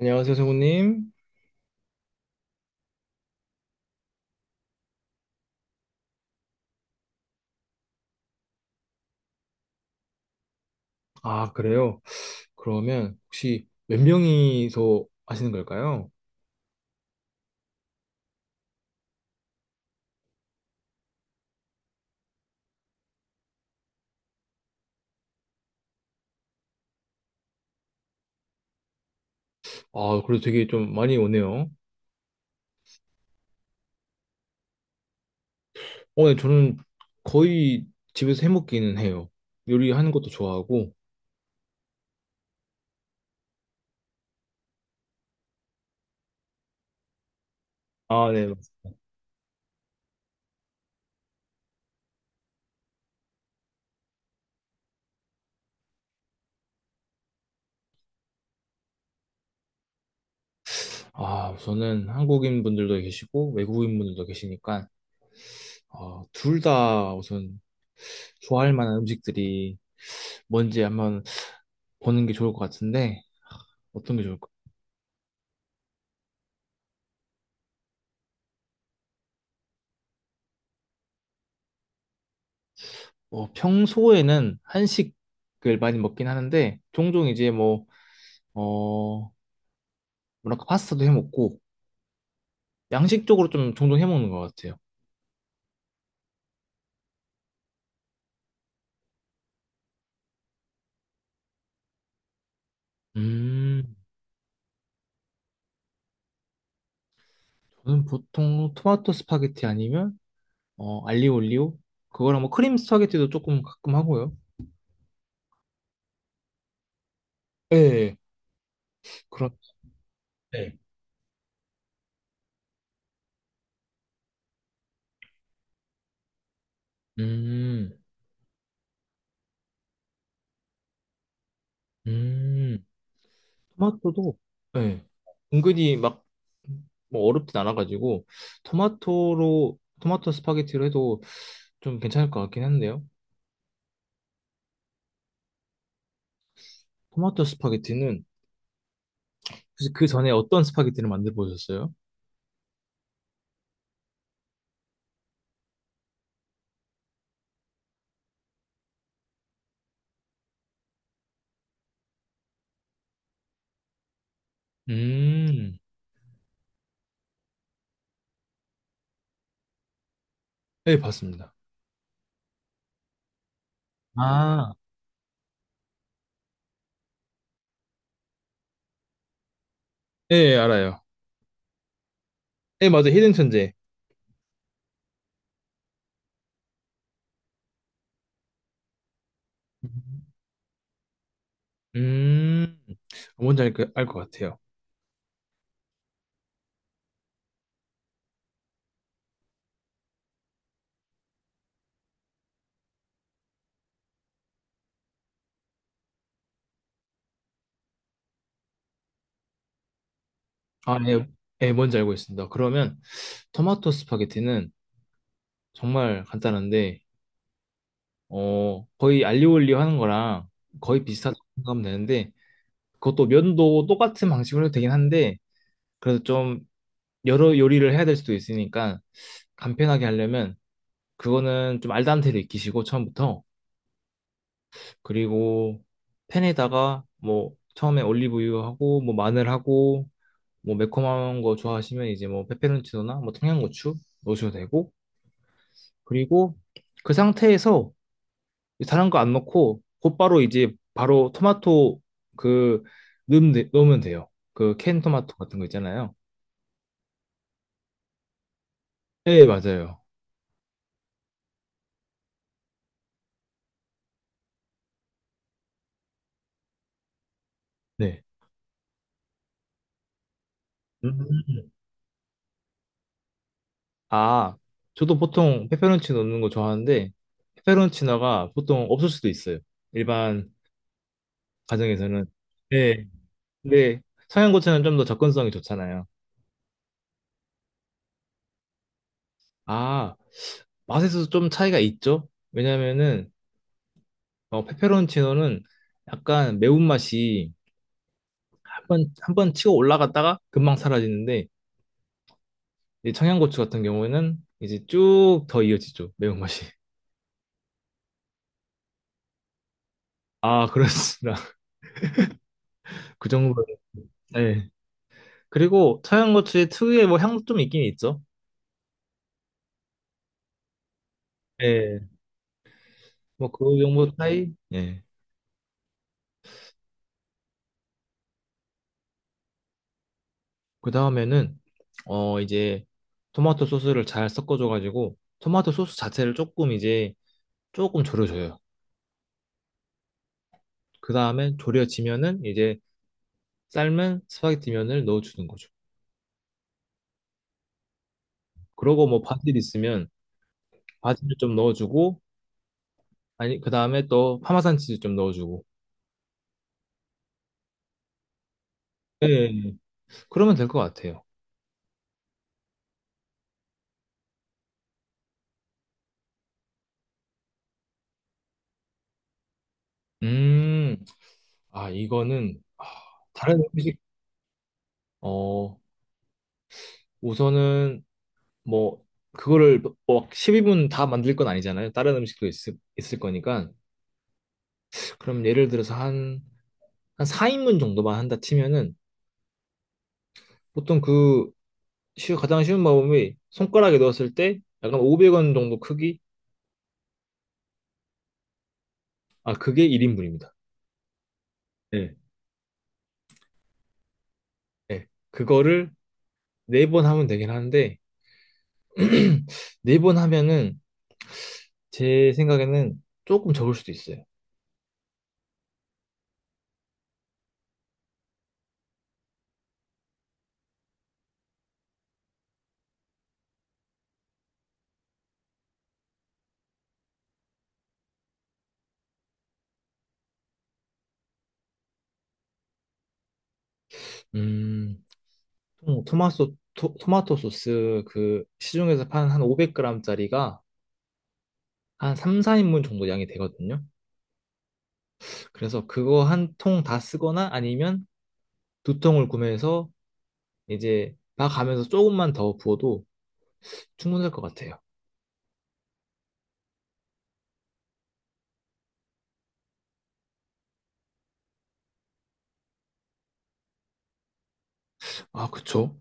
안녕하세요, 성우님. 아, 그래요? 그러면 혹시 몇 명이서 하시는 걸까요? 아, 그래도 되게 좀 많이 오네요. 네, 저는 거의 집에서 해먹기는 해요. 요리하는 것도 좋아하고, 아, 우선은 한국인 분들도 계시고, 외국인 분들도 계시니까, 아, 둘 다 우선 좋아할 만한 음식들이 뭔지 한번 보는 게 좋을 것 같은데, 어떤 게 좋을까? 평소에는 한식을 많이 먹긴 하는데, 종종 이제 뭐, 어, 뭐랄까, 파스타도 해 먹고, 양식적으로 좀 종종 해 먹는 것 같아요. 음, 저는 보통 토마토 스파게티 아니면, 알리오 올리오? 그거랑 뭐 크림 스파게티도 조금 가끔 하고요. 네, 그런, 네. 음, 음, 토마토도, 네. 은근히 막, 뭐 어렵진 않아가지고, 토마토 스파게티로 해도 좀 괜찮을 것 같긴 한데요. 토마토 스파게티는, 혹시 그 전에 어떤 스파게티를 만들어 보셨어요? 음. 예, 봤습니다. 아, 예, 알아요. 예, 맞아요. 히든 천재. 음, 음, 뭔지 알것 같아요. 아, 예, 네. 예, 뭔지 알고 있습니다. 그러면 토마토 스파게티는 정말 간단한데, 거의 알리올리오 하는 거랑 거의 비슷하다고 생각하면 되는데, 그것도 면도 똑같은 방식으로 해도 되긴 한데, 그래도 좀 여러 요리를 해야 될 수도 있으니까, 간편하게 하려면, 그거는 좀 알단테를 익히시고, 처음부터, 그리고 팬에다가 뭐 처음에 올리브유하고 뭐 마늘하고 뭐 매콤한 거 좋아하시면 이제 뭐 페페론치노나 뭐 청양고추 넣으셔도 되고 그리고 그 상태에서 다른 거 안 넣고 곧바로 이제 바로 토마토 그 넣으면, 넣으면 돼요. 그 캔 토마토 같은 거 있잖아요. 네, 맞아요. 네. 음. 아, 저도 보통 페페론치노 넣는 거 좋아하는데 페페론치노가 보통 없을 수도 있어요. 일반 가정에서는. 네. 근데 청양고추는 좀 더 접근성이 좋잖아요. 아, 맛에서도 좀 차이가 있죠? 왜냐면은 페페론치노는 약간 매운맛이 한 번, 한 번 치고 올라갔다가 금방 사라지는데 이 청양고추 같은 경우에는 이제 쭉 더 이어지죠. 매운맛이. 아, 그렇습니다. 그 정도. 네. 그리고 청양고추의 특유의 뭐 향도 좀 있긴 있죠. 네. 뭐 그 정도 차이? 예. 그 다음에는 이제 토마토 소스를 잘 섞어줘가지고 토마토 소스 자체를 조금 이제 조금 졸여줘요. 그 다음에 졸여지면은 이제 삶은 스파게티 면을 넣어주는 거죠. 그러고 뭐 바질 있으면 바질을 좀 넣어주고 아니 그 다음에 또 파마산 치즈 좀 넣어주고. 예, 예, 예. 그러면 될 것 같아요. 음, 아 이거는 아, 다른 음식 어 우선은 뭐 그거를 뭐 12분 다 만들 건 아니잖아요. 다른 음식도 있을 거니까. 그럼 예를 들어서 한 4인분 정도만 한다 치면은 보통 그 가장 쉬운 방법이 손가락에 넣었을 때 약간 500원 정도 크기? 아, 그게 1인분입니다. 네. 네. 그거를 네 번 하면 되긴 하는데 네 번 하면은 제 생각에는 조금 적을 수도 있어요. 음, 토마토 토, 마토 소스 그 시중에서 파는 한 500g짜리가 한 3, 4인분 정도 양이 되거든요. 그래서 그거 한 통 다 쓰거나 아니면 두 통을 구매해서 이제 막 가면서 조금만 더 부어도 충분할 것 같아요. 아, 그쵸?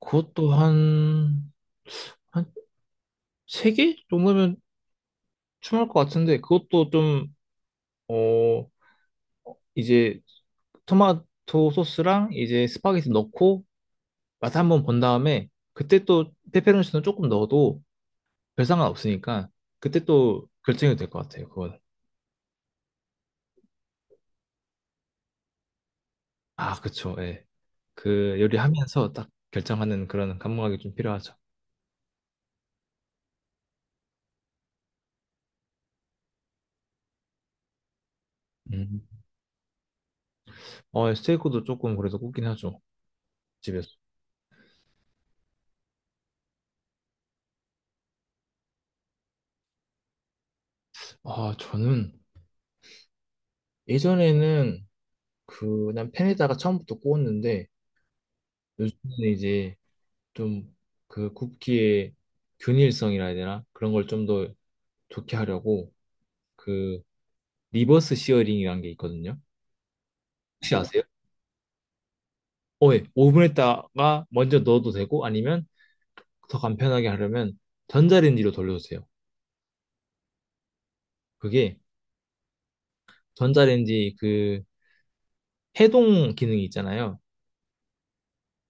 그것도 한 세 개 정도면 충분할 것 같은데 그것도 좀, 어, 이제 토마토 소스랑 이제 스파게티 넣고 맛 한번 본 다음에 그때 또 페페론치노 조금 넣어도 별 상관 없으니까 그때 또 결정이 될 것 같아요. 그거 아, 그쵸. 예. 그 요리하면서 딱 결정하는 그런 감각이 좀 필요하죠. 음. 스테이크도 조금 그래도 굽긴 하죠. 집에서. 아, 저는 예전에는 그 그냥 팬에다가 처음부터 구웠는데 요즘에는 이제 좀 그 굽기의 균일성이라 해야 되나? 그런 걸 좀 더 좋게 하려고 그 리버스 시어링이라는 게 있거든요. 혹시 아세요? 어, 예. 오븐에다가 먼저 넣어도 되고 아니면 더 간편하게 하려면 전자레인지로 돌려주세요. 그게 전자레인지 그 해동 기능이 있잖아요.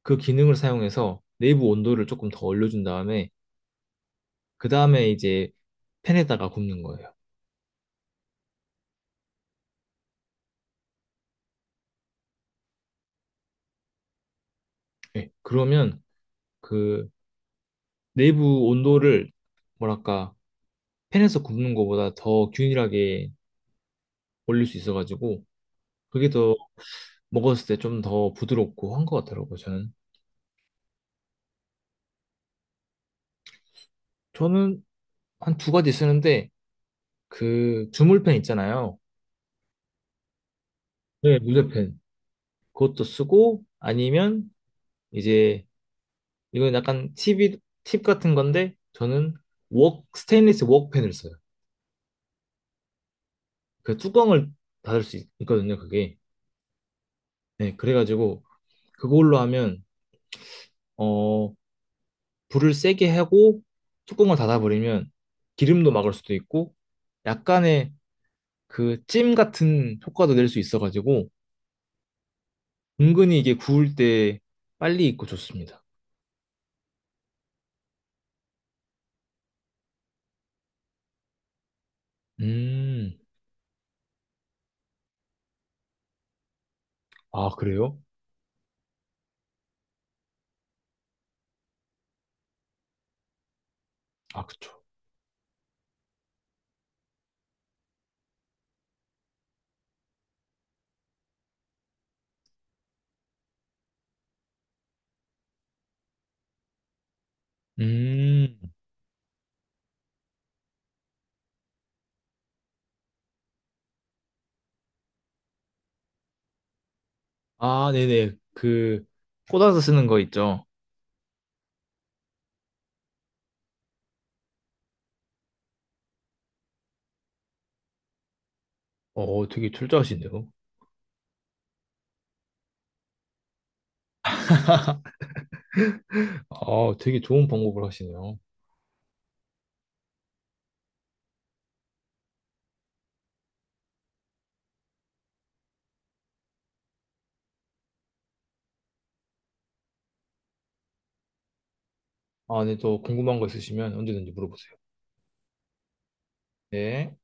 그 기능을 사용해서 내부 온도를 조금 더 올려준 다음에 그 다음에 이제 팬에다가 굽는 거예요. 예. 그러면 그 내부 온도를 뭐랄까 팬에서 굽는 것보다 더 균일하게 올릴 수 있어가지고 그게 더 먹었을 때 좀 더 부드럽고 한 것 같더라고요. 저는 저는 한 두 가지 쓰는데 그 주물팬 있잖아요. 네, 물레팬 그것도 쓰고 아니면 이제 이건 약간 팁 같은 건데, 저는 스테인리스 웍펜을 써요. 그 뚜껑을 닫을 수 있거든요, 그게. 네, 그래가지고, 그걸로 하면, 어, 불을 세게 하고, 뚜껑을 닫아버리면, 기름도 막을 수도 있고, 약간의 그 찜 같은 효과도 낼 수 있어가지고, 은근히 이게 구울 때 빨리 익고 좋습니다. 음, 아, 그래요? 아, 그쵸. 음, 아, 네네. 그, 꽂아서 쓰는 거 있죠. 어, 어, 되게 철저하시네요. 아, 되게 좋은 방법을 하시네요. 아, 네, 또 궁금한 거 있으시면 언제든지 물어보세요. 네.